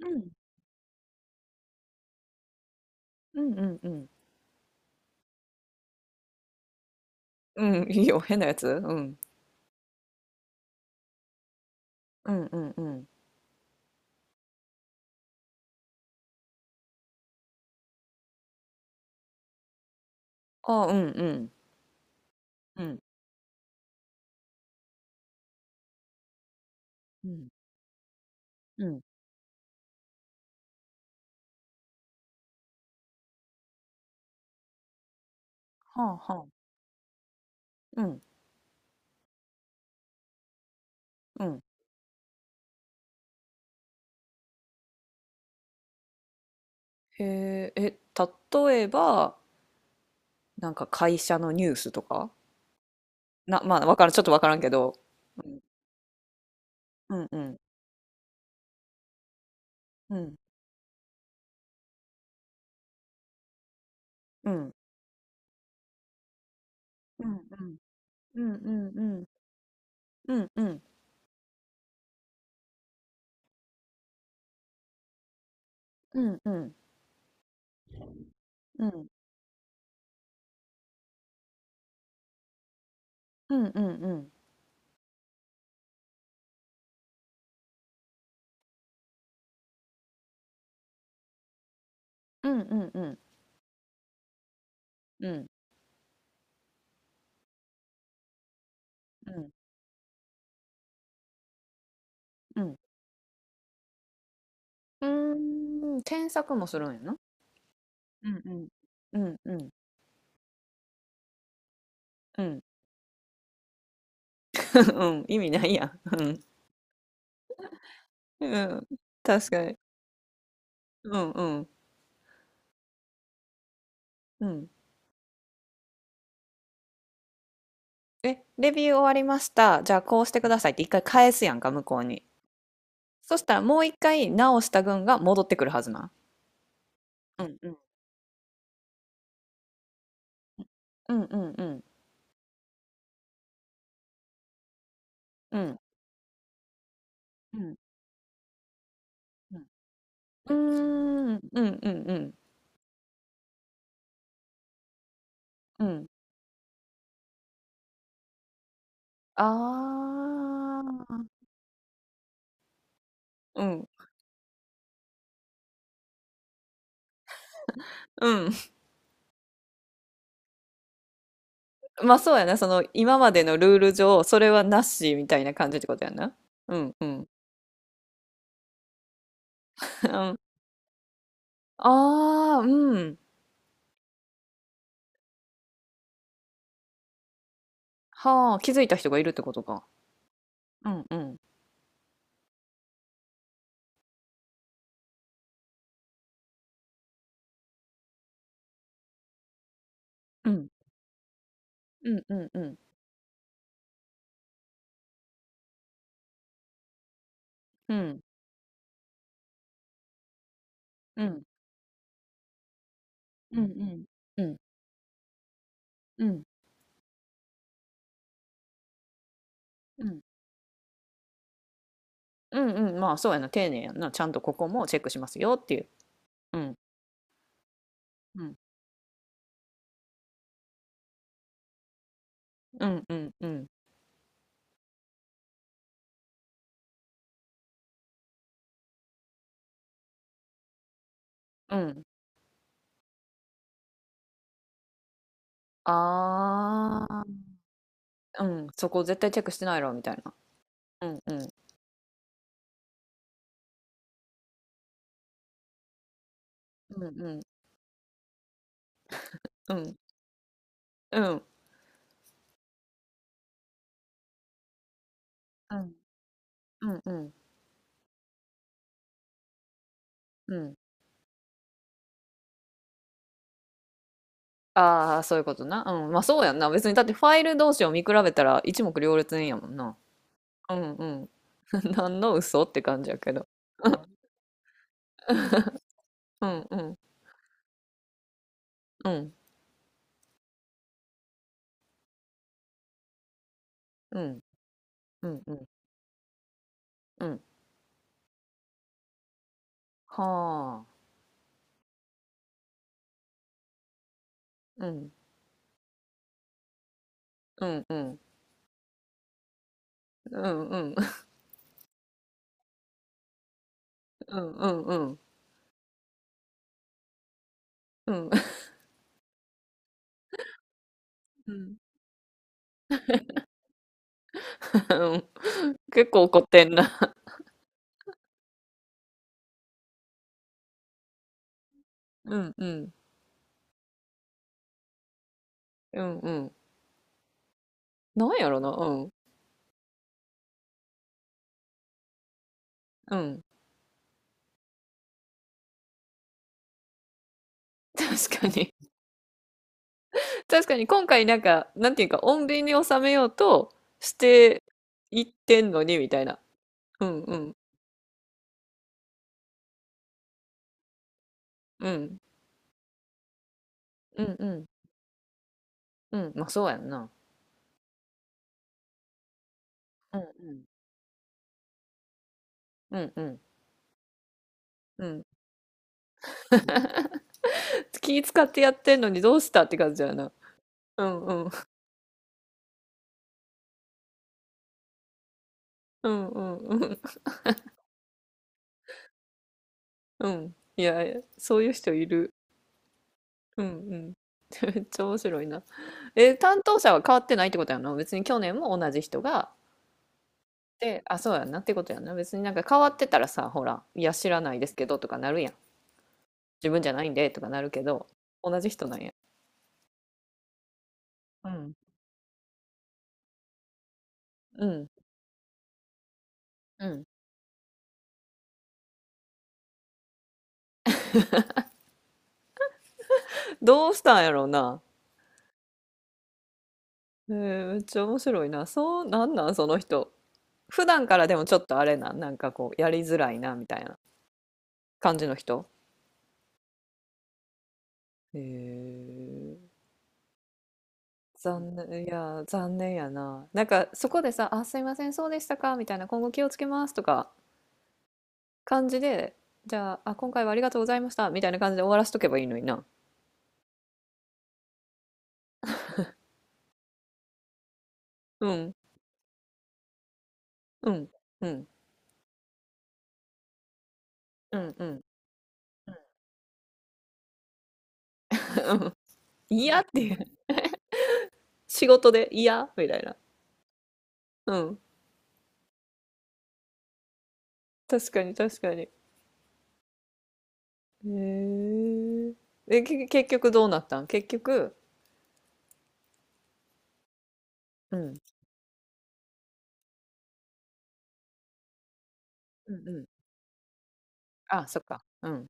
うん。うんうんうん。うん、いいよ、変なやつ。うん。うんうんうん。あ、うんうん。うん。うん。うん。はあはあ。うん。うん。へえ、例えば、なんか会社のニュースとかな、まあ、わからん、ちょっとわからんけど。うん。うんうん。うん。うん。うんうん。うんうんうん。うんうん。うんうん。うんうんうん。うんうんうん。うん。うん。うん。うーん、添削もするんやな。うんうん。うんうん。うん。うん、意味ないやん。うん、うん、確かに。うんうん、うん。え、レビュー終わりました。じゃあこうしてくださいって一回返すやんか、向こうに。そしたらもう一回直した群が戻ってくるはずな。うんうんうんうんうんうん。うんうんうーん、うんうんうんうん。ああ。うん。うん。まあそうやな、その今までのルール上、それはなしみたいな感じってことやな。うんうん。うん。ああ、うん。はあ、気づいた人がいるってことか。うんうん。うん。うんうんうん。うん。うん。うんうん。うん。うん。うんうんうん。まあ、そうやな。丁寧やな。ちゃんとここもチェックしますよっていう。うん。うん。うんうんうん。うん。ああ。うん。そこ絶対チェックしてないろ、みたいな。うんうん。うんうん。うん。うん。うん。うんうん。うん。ああ、そういうことな。うん。まあ、そうやんな。別に、だってファイル同士を見比べたら一目瞭然やもんな。うんうん。何の嘘って感じやけど。うん。 うん。うんうんうんうんうんうん。はあ。うんうんうんうんうんうんうんうんうんうんうん。結構怒ってんな。うんうんうん。うん。なんやろな。うんうん。確かに。確かに今回なんかなんていうか穏便に収めようとしていってんのにみたいな。うんうんうんうんうんうん。まあそうやんな。うんうんうんうんうん。気使ってやってんのにどうしたって感じやな。うんうん。うんうんうん。うん。いやいや、そういう人いる。うんうん。めっちゃ面白いな。え、担当者は変わってないってことやな。別に去年も同じ人が。で、あ、そうやなってことやな。別になんか変わってたらさ、ほら、いや、知らないですけどとかなるやん。自分じゃないんでとかなるけど、同じ人なんや。うん。うん。うん。どうしたんやろうな。えー、めっちゃ面白いな。そう、なんなん、その人。普段からでもちょっとあれな、なんかこう、やりづらいな、みたいな感じの人。へえ、残念、いや、残念やな。なんか、そこでさ、あ、すいません、そうでしたか、みたいな、今後気をつけます、とか、感じで、じゃあ、あ、今回はありがとうございました、みたいな感じで終わらしとけばいいのにな。うん、うん、うん、うん、うん。やっていう。仕事でいやみたいな。うん。確かに、確かに。へえ。結局どうなったん結局。うん、うん、うん。あ、そっか。うん。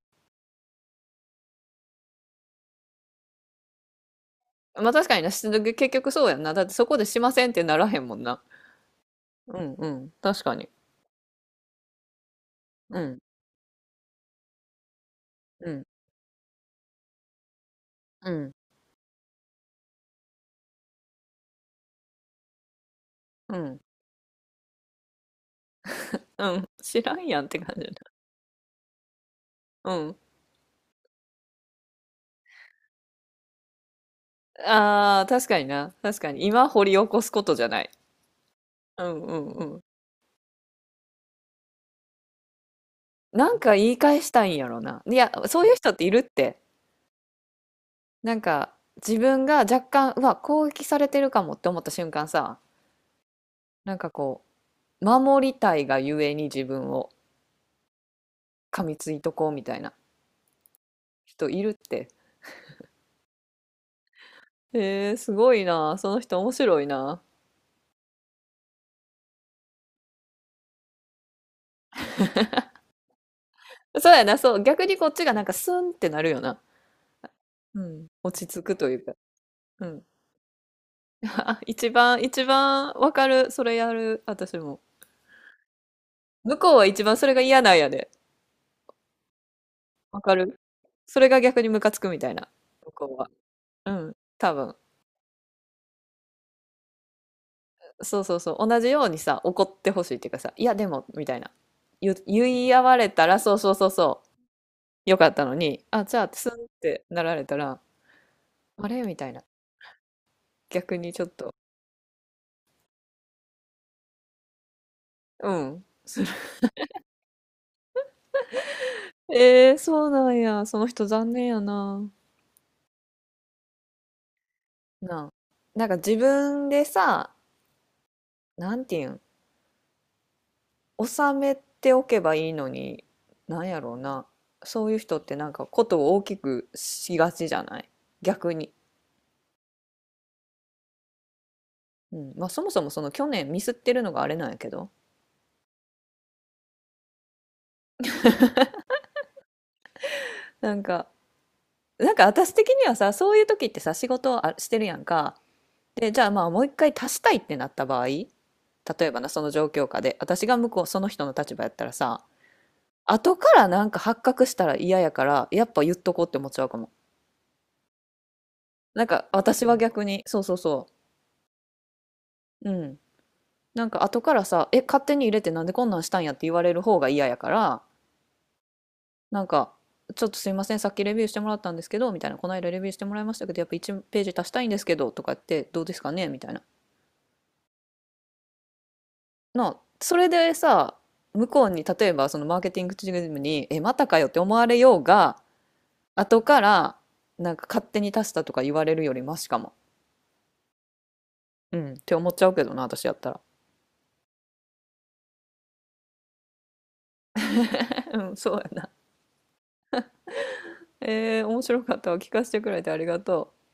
まあ確かにな、結局そうやんな。だってそこでしませんってならへんもんな。うんうん、確かに。うん、うん、うん、うん、うん、知らんやんって感じだ。うん。ああ、確かにな。確かに。今掘り起こすことじゃない。うんうんうん。なんか言い返したいんやろな。いや、そういう人っているって。なんか、自分が若干、うわ、攻撃されてるかもって思った瞬間さ、なんかこう、守りたいがゆえに自分を噛みついとこうみたいな人いるって。えー、すごいな。その人面白いな。そうやな、そう。逆にこっちがなんかスンってなるよな。うん。落ち着くというか。うん。あ、一番、一番わかる。それやる。私も。向こうは一番それが嫌なんやで。わかる。それが逆にムカつくみたいな。向こうは。うん。多分。そうそうそう。同じようにさ、怒ってほしいっていうかさ、いやでも、みたいな。言い合われたら、そうそうそうそう。よかったのに、あ、じゃあ、スンってなられたら、あれみたいな。逆にちょっと。うん。えー、そうなんや。その人残念やな。なあ。なんか自分でさ、なんていうん、収めておけばいいのに、なんやろうな。そういう人ってなんかことを大きくしがちじゃない、逆に。うん。まあそもそもその去年ミスってるのがあれなんやけど。なんか、なんか私的にはさ、そういう時ってさ、仕事をしてるやんか。で、じゃあまあもう一回足したいってなった場合、例えばな、その状況下で、私が向こう、その人の立場やったらさ、後からなんか発覚したら嫌やから、やっぱ言っとこうって思っちゃうかも。なんか私は逆に、そうそうそう。うん。なんか後からさ、え、勝手に入れてなんでこんなんしたんやって言われる方が嫌やから、なんか、ちょっとすいません、さっきレビューしてもらったんですけど、みたいな、この間レビューしてもらいましたけど、やっぱ1ページ足したいんですけど、とかって、どうですかねみたいな。な、それでさ、向こうに、例えばそのマーケティングチームに、え、またかよって思われようが、後から、なんか勝手に足したとか言われるよりマシかも。うん、って思っちゃうけどな、私やったら。うん、そうやな。えー、面白かったわ。聞かせてくれてありがとう。